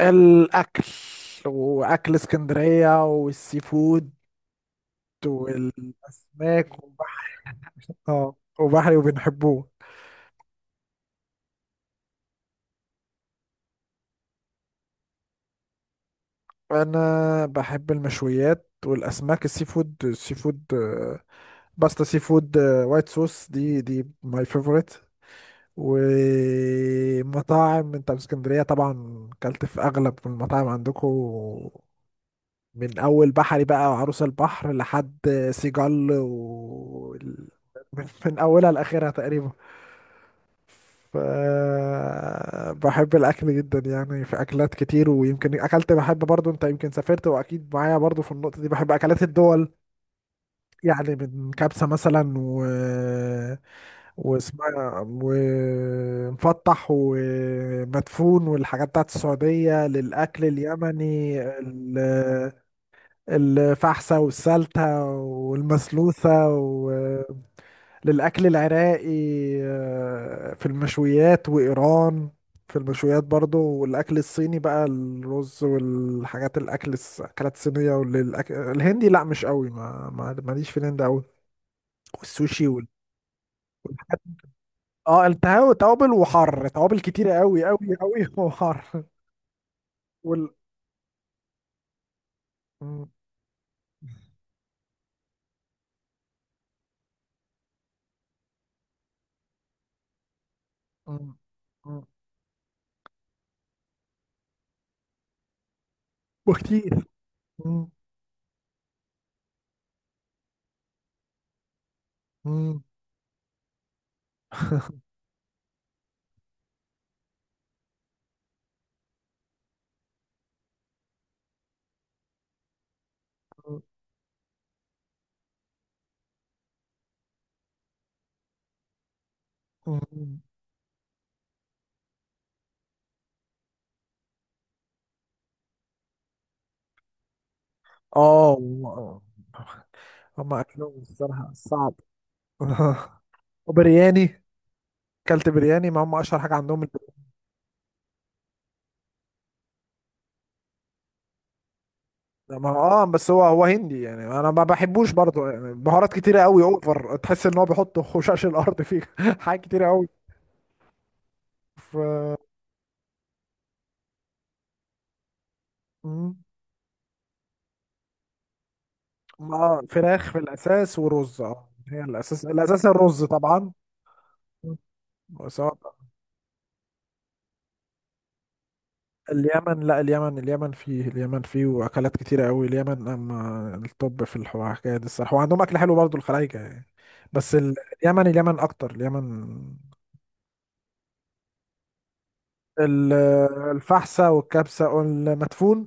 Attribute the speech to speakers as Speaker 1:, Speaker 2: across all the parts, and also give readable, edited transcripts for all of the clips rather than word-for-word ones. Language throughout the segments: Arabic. Speaker 1: الأكل وأكل اسكندرية والسي فود والأسماك وبحر، اه وبحري وبنحبوه. أنا بحب المشويات والأسماك، السي فود، باستا سي فود، وايت صوص، دي ماي فيفورت. ومطاعم انت في اسكندرية طبعا كلت في أغلب المطاعم عندكم، من أول بحري بقى وعروس البحر لحد سيجال و... من اولها لاخرها تقريبا. ف بحب الاكل جدا، يعني في اكلات كتير، ويمكن اكلت بحب برضو انت، يمكن سافرت واكيد معايا برضو في النقطة دي. بحب اكلات الدول، يعني من كبسة مثلا، و واسمها ومفتح ومدفون والحاجات بتاعت السعودية. للأكل اليمني الفحسة والسلتة والمسلوسة. للأكل العراقي، آه، في المشويات، وإيران في المشويات برضو. والأكل الصيني بقى الرز والحاجات، الأكل الأكلات الصينية. والأكل الهندي لأ مش قوي، ماليش في الهند قوي، والسوشي وال... اه التهاب توابل وحر، توابل كتيرة قوي قوي قوي وحر. وال م- م- م- وكتير، م- م- م- م- اه والله، هما أكلهم الصراحة صعب. آه، وبرياني، كلت برياني، ما هم اشهر حاجه عندهم البرياني. ما هو اه، بس هو هندي يعني، انا ما بحبوش برضه يعني، بهارات كتيره قوي اوفر، تحس ان هو بيحط خشاش الارض فيه حاجات كتيره قوي. ف مم. اه فراخ في الاساس ورز، اه هي الاساس، الرز طبعا. مم. سواء اليمن، لا اليمن، اليمن فيه واكلات كتيره قوي اليمن، اما الطب في الحكايه دي الصراحه، وعندهم اكل حلو برضه الخلايجه يعني. بس ال- اليمن اكتر، اليمن. ال- الفحسة والكبسة والمدفون.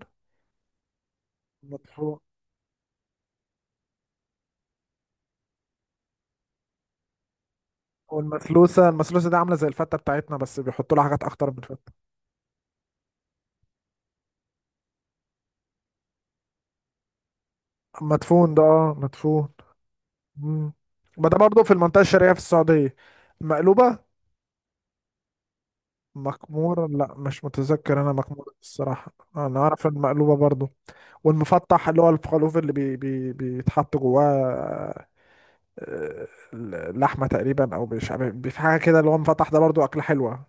Speaker 1: مدفون والمثلوسة. المثلوسة دي عاملة زي الفتة بتاعتنا، بس بيحطوا لها حاجات أخطر من الفتة. مدفون ده، اه مدفون. مم. ما ده برضه في المنطقة الشرقية في السعودية. مقلوبة. مكمورة لا مش متذكر أنا، مكمورة الصراحة، أنا أعرف المقلوبة برضه. والمفتح اللي هو الخروف اللي بي بي بيتحط جواه، آه، لحمة تقريبا أو مش في حاجة كده، اللي هو مفتح ده برضه أكلة حلوة.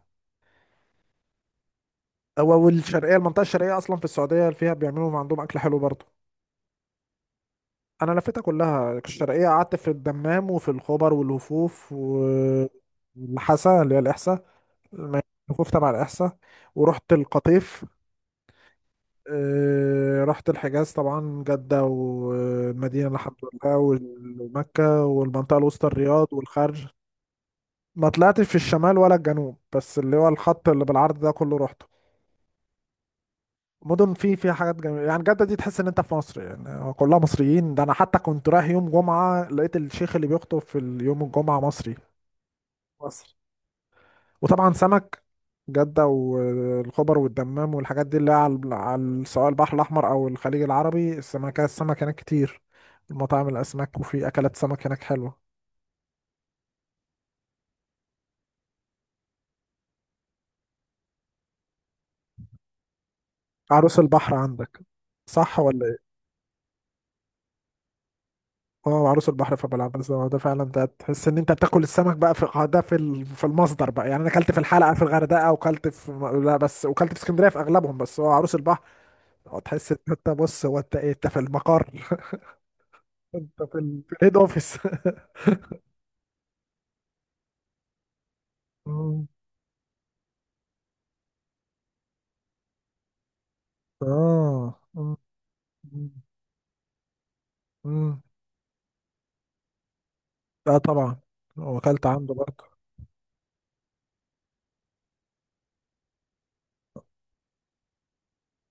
Speaker 1: هو والشرقيه، المنطقه الشرقيه اصلا في السعوديه فيها بيعملوا عندهم اكل حلو برضه. انا لفيتها كلها الشرقيه، قعدت في الدمام وفي الخبر والوفوف و والحسا اللي هي الاحساء، الم- الوفوف تبع الاحساء، ورحت القطيف. آه، رحت الحجاز طبعا، جده والمدينه الحمد لله ومكه، والمنطقه الوسطى الرياض والخرج. ما طلعتش في الشمال ولا الجنوب، بس اللي هو الخط اللي بالعرض ده كله رحت. مدن في فيها حاجات جميله يعني، جده دي تحس ان انت في مصر يعني، هو كلها مصريين، ده انا حتى كنت رايح يوم جمعه لقيت الشيخ اللي بيخطب في يوم الجمعه مصري، مصر. وطبعا سمك، جده والخبر والدمام، والحاجات دي اللي هي على على سواء البحر الاحمر او الخليج العربي، السمكه السمك هناك كتير، المطاعم الاسماك، وفي اكلات سمك هناك حلوه. عروس البحر عندك صح ولا؟ اه عروس البحر فبلعب، بس هو ده فعلا، ده تحس ان انت بتاكل السمك بقى، في اه ده في في المصدر بقى يعني. انا اكلت في الحلقه في الغردقه، وكلت في لا، بس وكلت في اسكندريه في اغلبهم، بس هو عروس البحر اه، تحس ان انت بص، هو انت ايه، انت في المقر انت في الهيد اوفيس مم. اه مم. مم. اه طبعا، واكلت عنده برضه.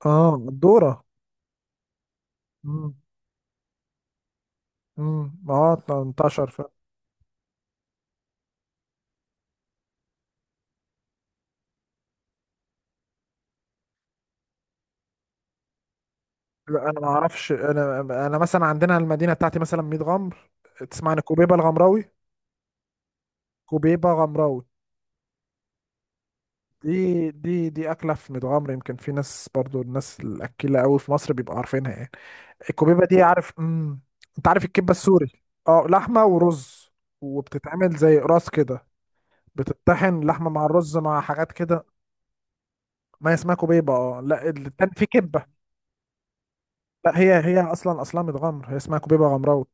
Speaker 1: اه الدوره. مم. مم. اه 18. لا انا ما اعرفش، انا انا مثلا عندنا المدينه بتاعتي مثلا 100 غمر، تسمع عن كوبيبه الغمراوي؟ كوبيبه غمراوي دي، دي اكله في ميت غمر، يمكن في ناس برضو، الناس الاكيله قوي في مصر بيبقوا عارفينها يعني، الكوبيبه دي عارف، امم. انت عارف الكبه السوري، اه لحمه ورز، وبتتعمل زي قراص كده، بتطحن لحمه مع الرز مع حاجات كده. ما هي اسمها كوبيبه اه، لا التاني في كبه. لا هي هي اصلا، اصلا ميت غمر هي اسمها كوبيبه غمراوي،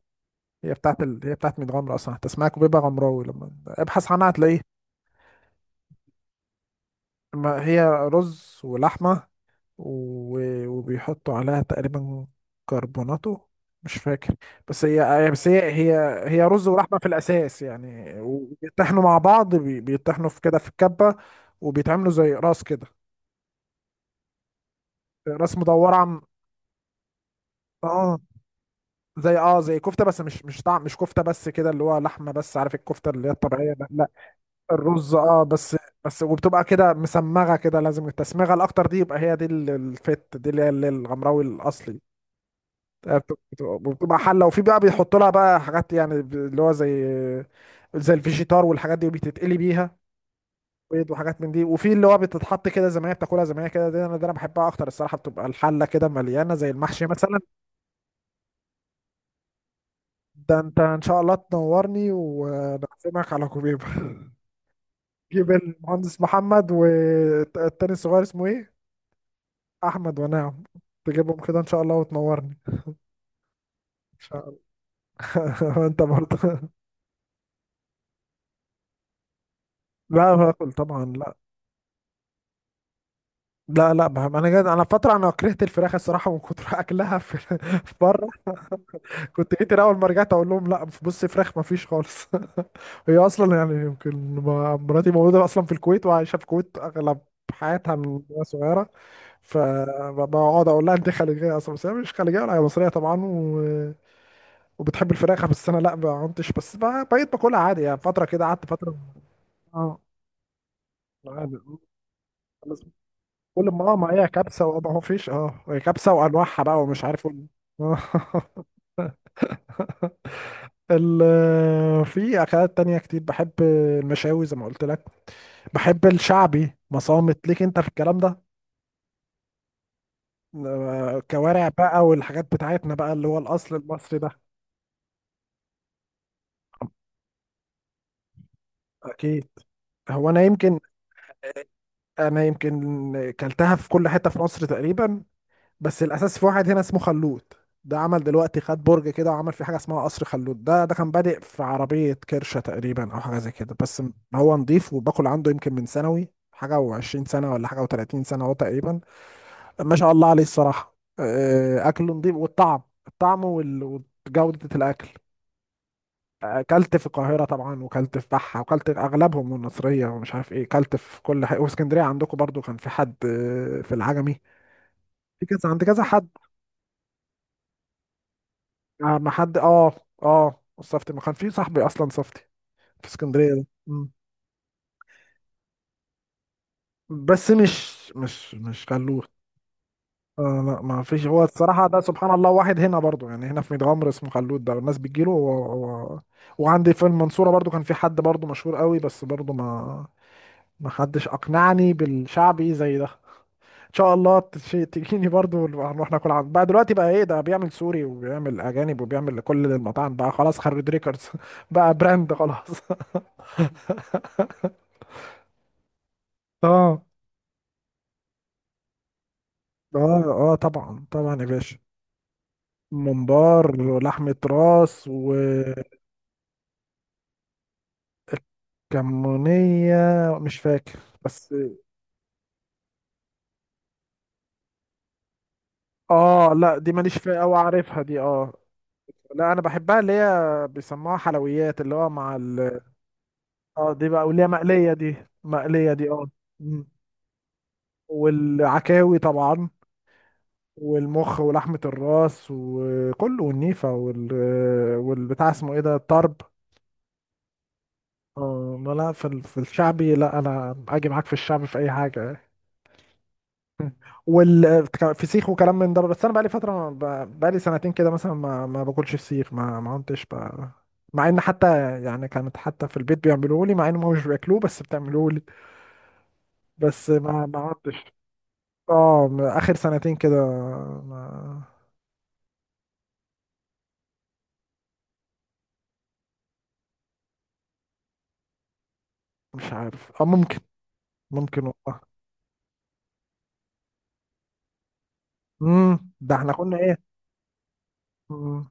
Speaker 1: هي بتاعت ال... هي بتاعت ميت غمر اصلا، حتى اسمها كبيبه غمراوي لما ابحث عنها هتلاقيه. ما هي رز ولحمه و... وبيحطوا عليها تقريبا كربوناتو، مش فاكر، بس هي هي- بس هي هي هي رز ولحمه في الاساس يعني، وبيطحنوا مع بعض، بي... بيطحنوا في كده في الكبه. وبيتعملوا زي راس كده، راس مدوره، عم... اه زي، زي كفته، بس مش مش طعم، مش كفته، بس كده اللي هو لحمه بس، عارف الكفته اللي هي الطبيعيه، لا الرز اه بس، بس. وبتبقى كده مسمغه كده، لازم التسمغه الاكتر دي، يبقى هي دي الفت دي اللي هي اللي الغمراوي الاصلي. وبتبقى حله، وفي بقى بيحط لها بقى حاجات يعني، اللي هو زي، الفيجيتار والحاجات دي، وبتتقلي بيها بيض وحاجات من دي. وفي اللي هو بتتحط كده زي ما هي، بتاكلها زي ما هي كده، دي انا، ده انا بحبها اكتر الصراحه، بتبقى الحله كده مليانه زي المحشي مثلا. ده انت ان شاء الله تنورني ونعزمك على كوبيبه جيب المهندس محمد والتاني الصغير اسمه ايه، احمد ونعم، تجيبهم كده ان شاء الله وتنورني. ان شاء الله. وانت برضه. لا باكل طبعا، لا لا لا بهم. انا جد انا فتره انا كرهت الفراخ الصراحه، من كتر اكلها في في بره. كنت جيت اول ما رجعت اقول لهم لا بص، فراخ ما فيش خالص هي اصلا يعني، يمكن مراتي موجوده اصلا في الكويت، وعايشه في الكويت اغلب حياتها من وهي صغيره، فبقعد اقول لها انت خليجيه اصلا، بس هي مش خليجيه ولا، هي مصريه طبعا و... وبتحب الفراخ، بس انا لا ما كنتش، بس بقيت باكلها عادي يعني، فتره كده قعدت فتره. اه عادي. خلاص. كل ما اه، ما هي كبسة، وما هو فيش اه، هي كبسة وانواعها بقى ومش عارف آه، في اكلات تانية كتير، بحب المشاوي زي ما قلت لك، بحب الشعبي، مصامت ليك انت في الكلام ده. آه، كوارع بقى والحاجات بتاعتنا بقى، اللي هو الاصل المصري ده. اكيد، هو انا يمكن انا يمكن كلتها في كل حتة في مصر تقريبا، بس الاساس في واحد هنا اسمه خلود، عمل دلوقتي خد برج كده وعمل فيه حاجه اسمها قصر خلود. ده كان بادئ في عربيه كرشه تقريبا، او حاجه زي كده، بس هو نضيف، وباكل عنده يمكن من ثانوي حاجه، و20 سنه ولا حاجه و30 سنه هو تقريبا. ما شاء الله عليه الصراحه، آه، اكله نضيف، والطعم، الطعم وال- وجوده الاكل. آه، اكلت في القاهره طبعا، وكلت في بحه، وكلت اغلبهم والنصريه ومش عارف ايه، كلت في كل حاجه. واسكندريه عندكم برضو كان في حد، آه، في العجمي، في كذا عند كذا حد، آه ما حد اه، اه صفتي ما كان في صاحبي اصلا، صفتي في اسكندريه ده، مم. بس مش مش مش خلود. آه لا ما فيش، هو الصراحه ده سبحان الله، واحد هنا برضو يعني، هنا في ميت غمر اسمه خلود، ده الناس بتجيله، هو وعندي في المنصوره برضو كان في حد برضو مشهور قوي، بس برضو ما، ما حدش اقنعني بالشعبي زي ده. ان شاء الله تجيني برضو، هنروح ناكل عند، بقى دلوقتي بقى ايه، ده بيعمل سوري وبيعمل اجانب وبيعمل لكل المطاعم، بقى خلاص خرج ريكوردز بقى براند خلاص. اه اه اه طبعا طبعا يا باشا، ممبار ولحمة راس وكمونية، مش فاكر بس. اه لا دي ماليش فيها، او عارفها دي اه. لا انا بحبها، اللي هي بيسموها حلويات اللي هو مع ال، اه دي بقى واللي هي مقلية دي، مقلية دي اه. مم. والعكاوي طبعا، والمخ ولحمة الراس وكله، والنيفة وال، والبتاع اسمه ايه ده، الطرب، اه لا لا، في في الشعبي لا، انا اجي معاك في الشعبي في اي حاجه. والفسيخ وكلام من ده، بس انا بقالي فتره ما، بقالي سنتين كده مثلا، ما ما باكلش فسيخ، ما ما كنتش ب... مع ان حتى يعني، كانت حتى في البيت بيعملوه لي، مع ان هم مش بياكلوه، بس بتعملوه لي، بس ما ما عدتش. اه اخر سنتين كده ما. مش عارف اه، ممكن، ممكن والله. امم، ده احنا كنا ايه، امم،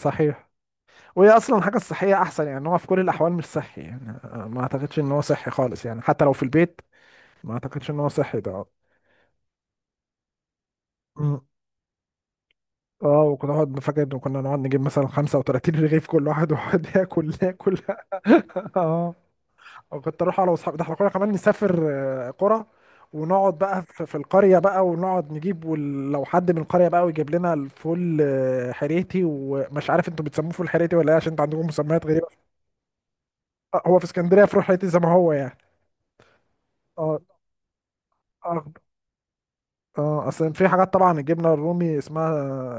Speaker 1: صحيح، وهي اصلا الحاجه الصحيه احسن يعني، هو في كل الاحوال مش صحي يعني، آه، ما اعتقدش ان هو صحي خالص يعني، حتى لو في البيت ما اعتقدش ان هو صحي ده. مم. اه وكنا نقعد، فاكر ان كنا نقعد نجيب مثلا 35 رغيف كل واحد، ويقعد ياكل ياكل اه وكنت اروح انا واصحابي، ده احنا كنا كمان نسافر، آه، قرى، ونقعد بقى في القريه بقى، ونقعد نجيب، ولو حد من القريه بقى ويجيب لنا الفول، آه، حريتي، ومش عارف انتوا بتسموه فول حريتي ولا ايه، عشان انتوا عندكم مسميات غريبه. آه، هو في اسكندريه فول حريتي زي ما هو يعني. اه، اه اصل في حاجات طبعا، الجبنه الرومي اسمها،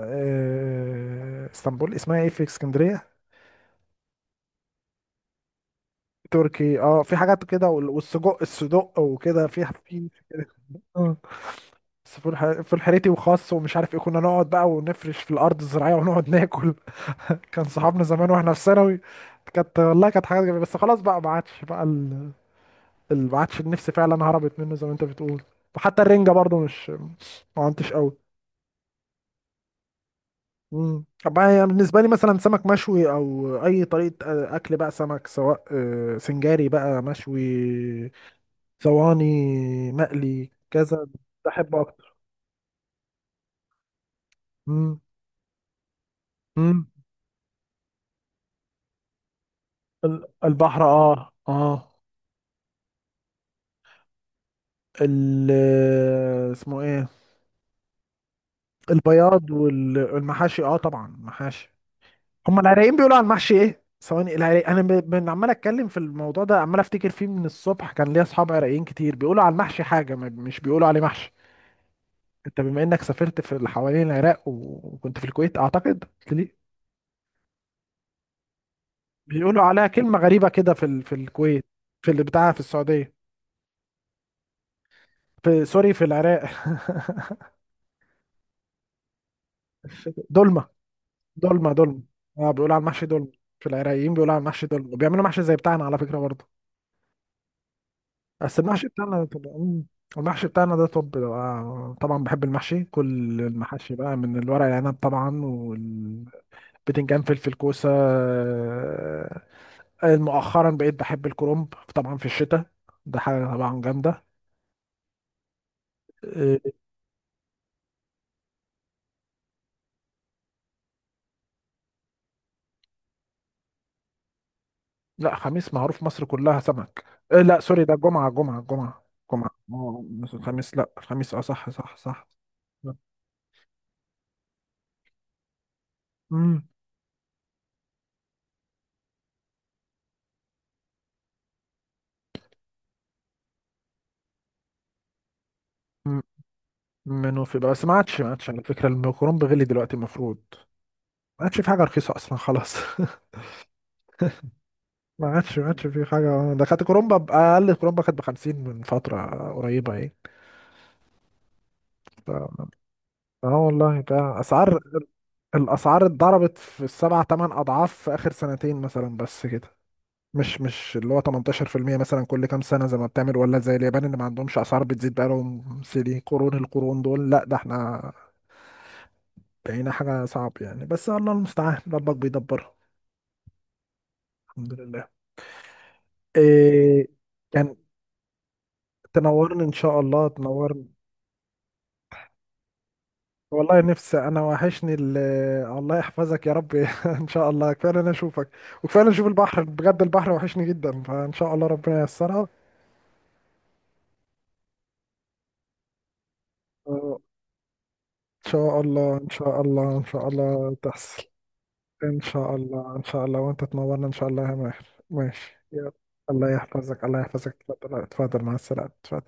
Speaker 1: آه، اسطنبول، اسمها ايه في اسكندريه، تركي اه، في حاجات كده والسجق الصدق، وكده في في اه. بس في في الحريتي وخاص ومش عارف ايه، كنا نقعد بقى ونفرش في الارض الزراعيه ونقعد ناكل كان صحابنا زمان واحنا في ثانوي. كانت والله كانت حاجات جميله، بس خلاص بقى، ما عادش بقى ال... ما عادش النفس فعلا، هربت منه زي ما انت بتقول. وحتى الرنجه برضو مش، ما عدتش قوي. مم. طب هي بالنسبة لي مثلا سمك مشوي أو أي طريقة، آه، أكل بقى سمك، سواء آه، سنجاري بقى، مشوي، صواني، مقلي، كذا، بحبه أكتر. مم. مم. البحر آه آه، ال اسمه إيه، البياض والمحاشي، آه طبعا محاشي. هما العراقيين بيقولوا على المحشي إيه، ثواني، العراق، أنا عمال أتكلم في الموضوع ده، عمال أفتكر فيه من الصبح، كان ليا أصحاب عراقيين كتير، بيقولوا على المحشي حاجة مش بيقولوا عليه محشي. انت بما انك سافرت في اللي حوالين العراق وكنت في الكويت اعتقد قلت لي، بيقولوا عليها كلمة غريبة كده في ال... في الكويت، في اللي بتاعها في السعودية، في سوري، في العراق دولمة دولمة دولمة. اه بيقولوا على المحشي دولمة، في العراقيين بيقولوا على المحشي دولمة، بيعملوا محشي زي بتاعنا على فكرة برضه، بس المحشي بتاعنا ده طب، مم. المحشي بتاعنا ده طب، آه، طبعا بحب المحشي، كل المحاشي بقى من الورق العنب طبعا، والبتنجان، فلفل، كوسة، آه، مؤخرا بقيت بحب الكرنب طبعا في الشتاء، ده حاجة طبعا جامدة. إيه، لا خميس معروف مصر كلها سمك، إيه، لا سوري ده جمعة، جمعة، جمعة آه، الخميس لا الخميس اه صح صح صح. امم، منه في بقى، بس ما عادش، ما عادش على فكرة الكرنب غلي دلوقتي المفروض، ما عادش في حاجة رخيصة أصلا خلاص ما عادش، ما عادش في حاجة، ده كانت كرومبا أقل كرومبا كانت بخمسين من فترة قريبة ايه. ف... اه والله بقى أسعار، الاسعار اتضربت في السبع تمن اضعاف في اخر سنتين مثلا بس كده، مش مش اللي هو 18% مثلا كل كام سنه زي ما بتعمل، ولا زي اليابان اللي ما عندهمش اسعار بتزيد بقالهم سنين، قرون، القرون دول، لا ده احنا بقينا حاجه صعب يعني، بس الله المستعان، ربك بيدبرها. الحمد لله. إيه. كان، تنورني ان شاء الله، تنورني. والله نفسي انا، وحشني ال، الله يحفظك يا رب ان شاء الله، كفايه إن انا اشوفك، وكفايه إن أنا اشوف البحر بجد، البحر وحشني جدا، فان شاء الله ربنا ييسرها. ان شاء الله ان شاء الله ان شاء الله تحصل. ان شاء الله ان شاء الله وانت تنورنا ان شاء الله يا ماهر، ماشي يلا. الله يحفظك الله يحفظك، اتفضل اتفضل مع السلامة اتفضل.